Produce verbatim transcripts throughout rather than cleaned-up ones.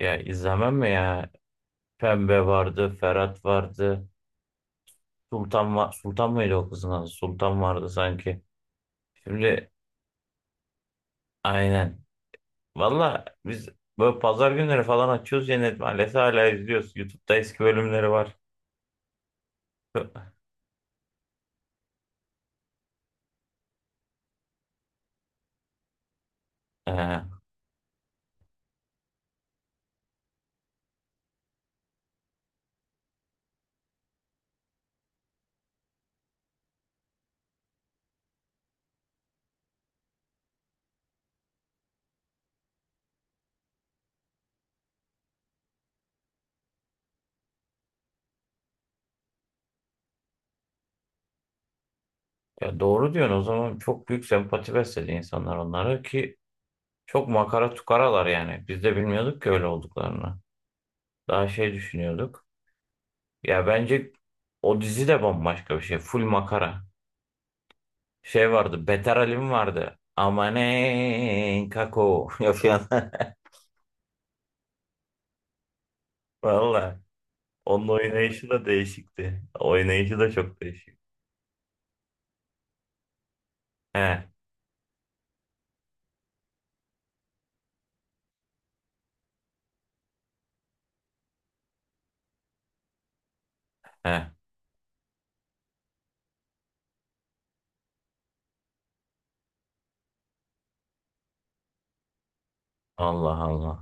Ya izlemem mi ya? Pembe vardı, Ferhat vardı. Sultan var. Sultan mıydı o kızın adı? Sultan vardı sanki. Şimdi aynen. Valla biz böyle pazar günleri falan açıyoruz, yine maalesef hala izliyoruz. YouTube'da eski bölümleri var. Ee, Ya doğru diyorsun, o zaman çok büyük sempati besledi insanlar onlara ki çok makara tukaralar yani. Biz de bilmiyorduk ki öyle olduklarını. Daha şey düşünüyorduk. Ya bence o dizi de bambaşka bir şey. Full makara. Şey vardı. Beter Alim vardı. Amanen kako. Yapıyor. Valla. Onun oynayışı da değişikti. Oynayışı da çok değişik. He. He. Allah Allah.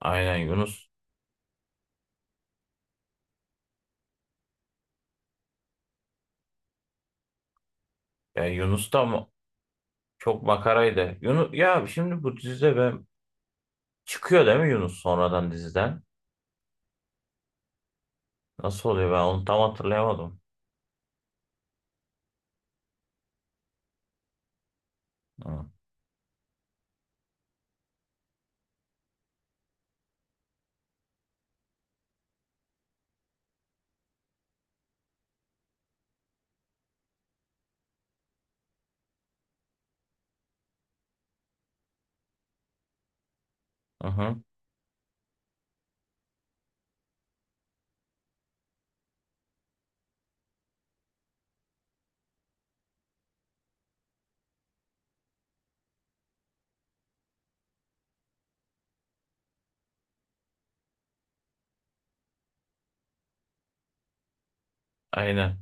Aynen Yunus. Ya Yunus da mı? Çok makaraydı. Yunus ya şimdi bu dizide ben çıkıyor değil mi Yunus sonradan diziden? Nasıl oluyor, ben onu tam hatırlayamadım. Hı hı. Aynen.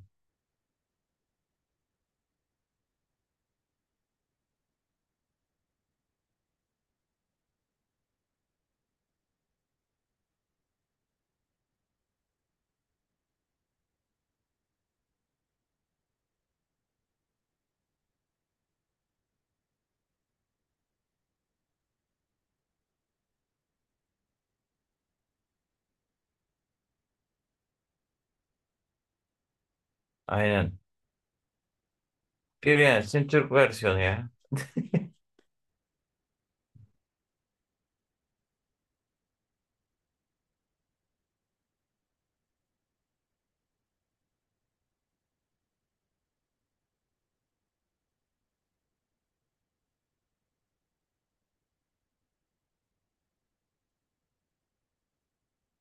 Aynen. Bir yani Türk versiyonu ya.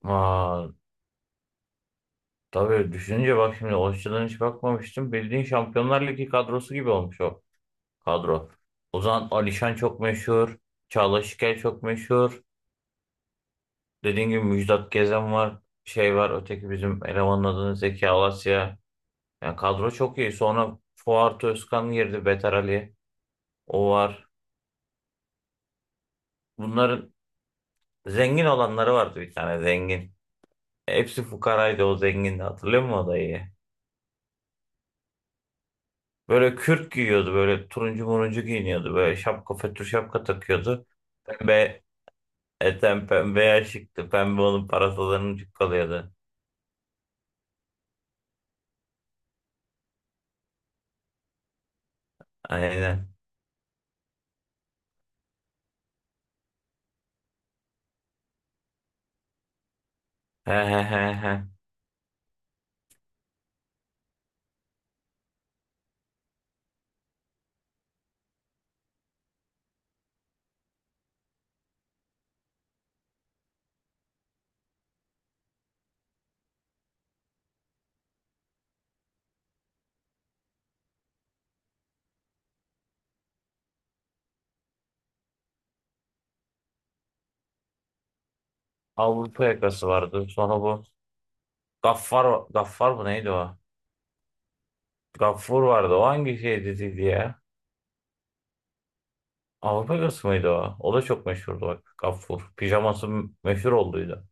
Vay. Tabii düşününce bak şimdi o açıdan hiç bakmamıştım. Bildiğin Şampiyonlar Ligi kadrosu gibi olmuş o kadro. Ozan Alişan çok meşhur. Çağla Şikel çok meşhur. Dediğin gibi Müjdat Gezen var. Şey var, öteki bizim elemanın adını Zeki Alasya. Yani kadro çok iyi. Sonra Fuat Özkan girdi. Beter Ali. O var. Bunların zengin olanları vardı, bir tane zengin. Hepsi fukaraydı, o zengindi. Hatırlıyor musun o dayıyı? Böyle kürk giyiyordu, böyle turuncu muruncu giyiniyordu, böyle şapka fötr şapka takıyordu. Pembe, eten pembe şıktı. Pembe onun parasalarının çıkkalıyordu. Aynen. He he he he. Avrupa yakası vardı. Sonra bu Gaffar, Gaffar mı neydi o? Gaffur vardı. O hangi şey diziydi ya? Avrupa yakası mıydı o? O da çok meşhurdu bak. Gaffur. Pijaması meşhur olduydu.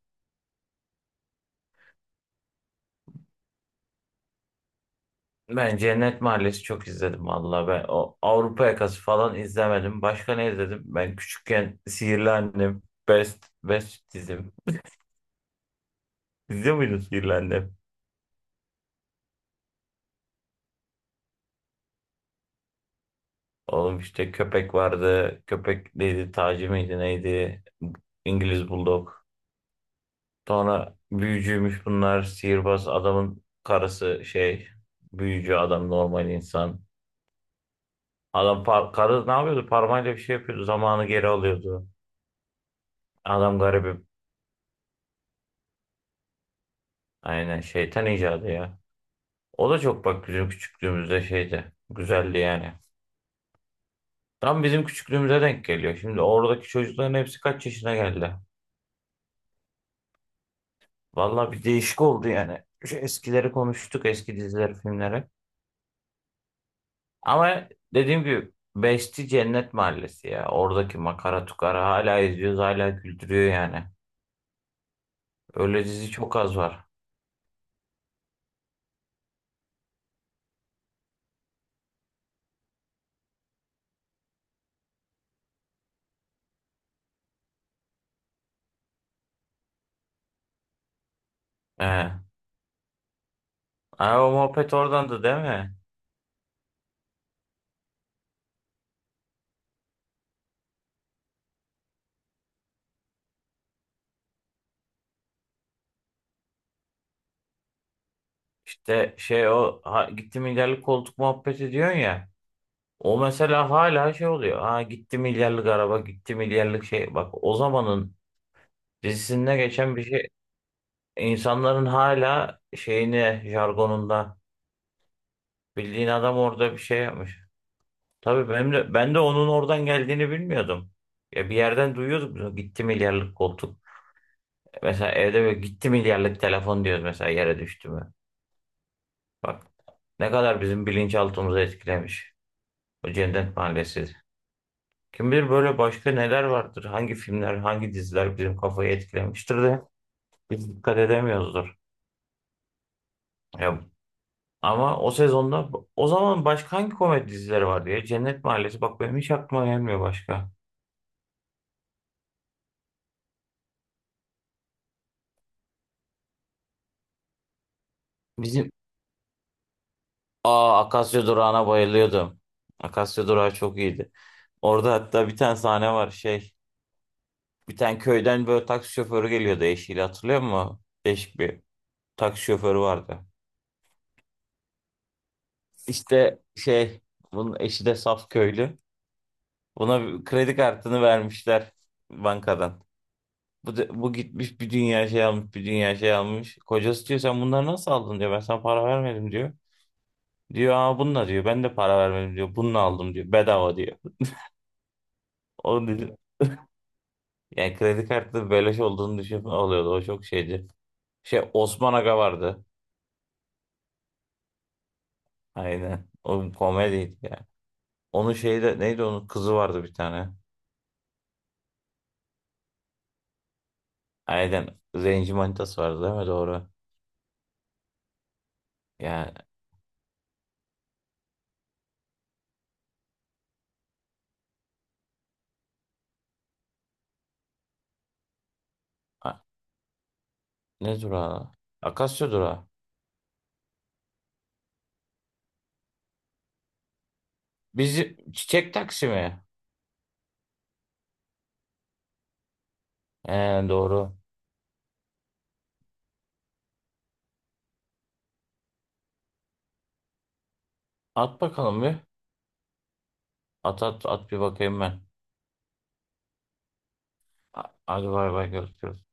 Ben Cennet Mahallesi çok izledim, vallahi ben o Avrupa Yakası falan izlemedim. Başka ne izledim? Ben küçükken Sihirli Annem, Best Best dizim. İzliyor muydun Sihirli Annem? Oğlum işte köpek vardı. Köpek neydi? Taci miydi neydi? İngiliz Bulldog. Sonra büyücüymüş bunlar. Sihirbaz adamın karısı şey. Büyücü adam normal insan. Adam par karı ne yapıyordu? Parmağıyla bir şey yapıyordu. Zamanı geri alıyordu. Adam garibim. Aynen şeytan icadı ya. O da çok bak bizim küçüklüğümüzde şeydi. Güzeldi yani. Tam bizim küçüklüğümüze denk geliyor. Şimdi oradaki çocukların hepsi kaç yaşına geldi? Valla bir değişik oldu yani. Şu eskileri konuştuk, eski dizileri, filmleri. Ama dediğim gibi Beşti Cennet Mahallesi ya. Oradaki makara tukara hala izliyoruz, hala güldürüyor yani. Öyle dizi çok az var. Ee, Aa, o muhabbet oradandı değil mi? İşte şey o ha, gitti milyarlık koltuk muhabbeti diyorsun ya. O mesela hala şey oluyor. Ha gitti milyarlık araba, gitti milyarlık şey. Bak, o zamanın dizisinde geçen bir şey. İnsanların hala şeyini jargonunda bildiğin adam orada bir şey yapmış. Tabii benim de, ben de onun oradan geldiğini bilmiyordum. Ya bir yerden duyuyorduk bunu. Gitti milyarlık koltuk. Mesela evde böyle gitti milyarlık telefon diyoruz mesela, yere düştü mü. Bak ne kadar bizim bilinçaltımızı etkilemiş. O Cennet Mahallesi. Kim bilir böyle başka neler vardır. Hangi filmler, hangi diziler bizim kafayı etkilemiştir de biz dikkat edemiyoruzdur. Ya, ama o sezonda o zaman başka hangi komedi dizileri vardı ya? Cennet Mahallesi bak, benim hiç aklıma gelmiyor başka. Bizim Aa Akasya Durağı'na bayılıyordum. Akasya Durağı çok iyiydi. Orada hatta bir tane sahne var şey. Bir tane köyden böyle taksi şoförü geliyordu eşiyle, hatırlıyor musun? Değişik bir taksi şoförü vardı. İşte şey bunun eşi de saf köylü. Buna bir kredi kartını vermişler bankadan. Bu, da- bu gitmiş bir dünya şey almış, bir dünya şey almış. Kocası diyor sen bunları nasıl aldın diyor, ben sana para vermedim diyor. Diyor aa bununla diyor ben de para vermedim diyor, bununla aldım diyor, bedava diyor. O yani kredi kartı beleş olduğunu düşünüp alıyordu. O çok şeydi. Şey Osman Aga vardı. Aynen. O komediydi ya. Onun şeyi de neydi, onun kızı vardı bir tane. Aynen. Zenci manitası vardı değil mi? Doğru. Yani a- ne durağı? Akasya durağı. Bizi çiçek taksi mi? Ee, doğru. At bakalım bir. At at at bir bakayım ben. A- Hadi bay bay görüşürüz.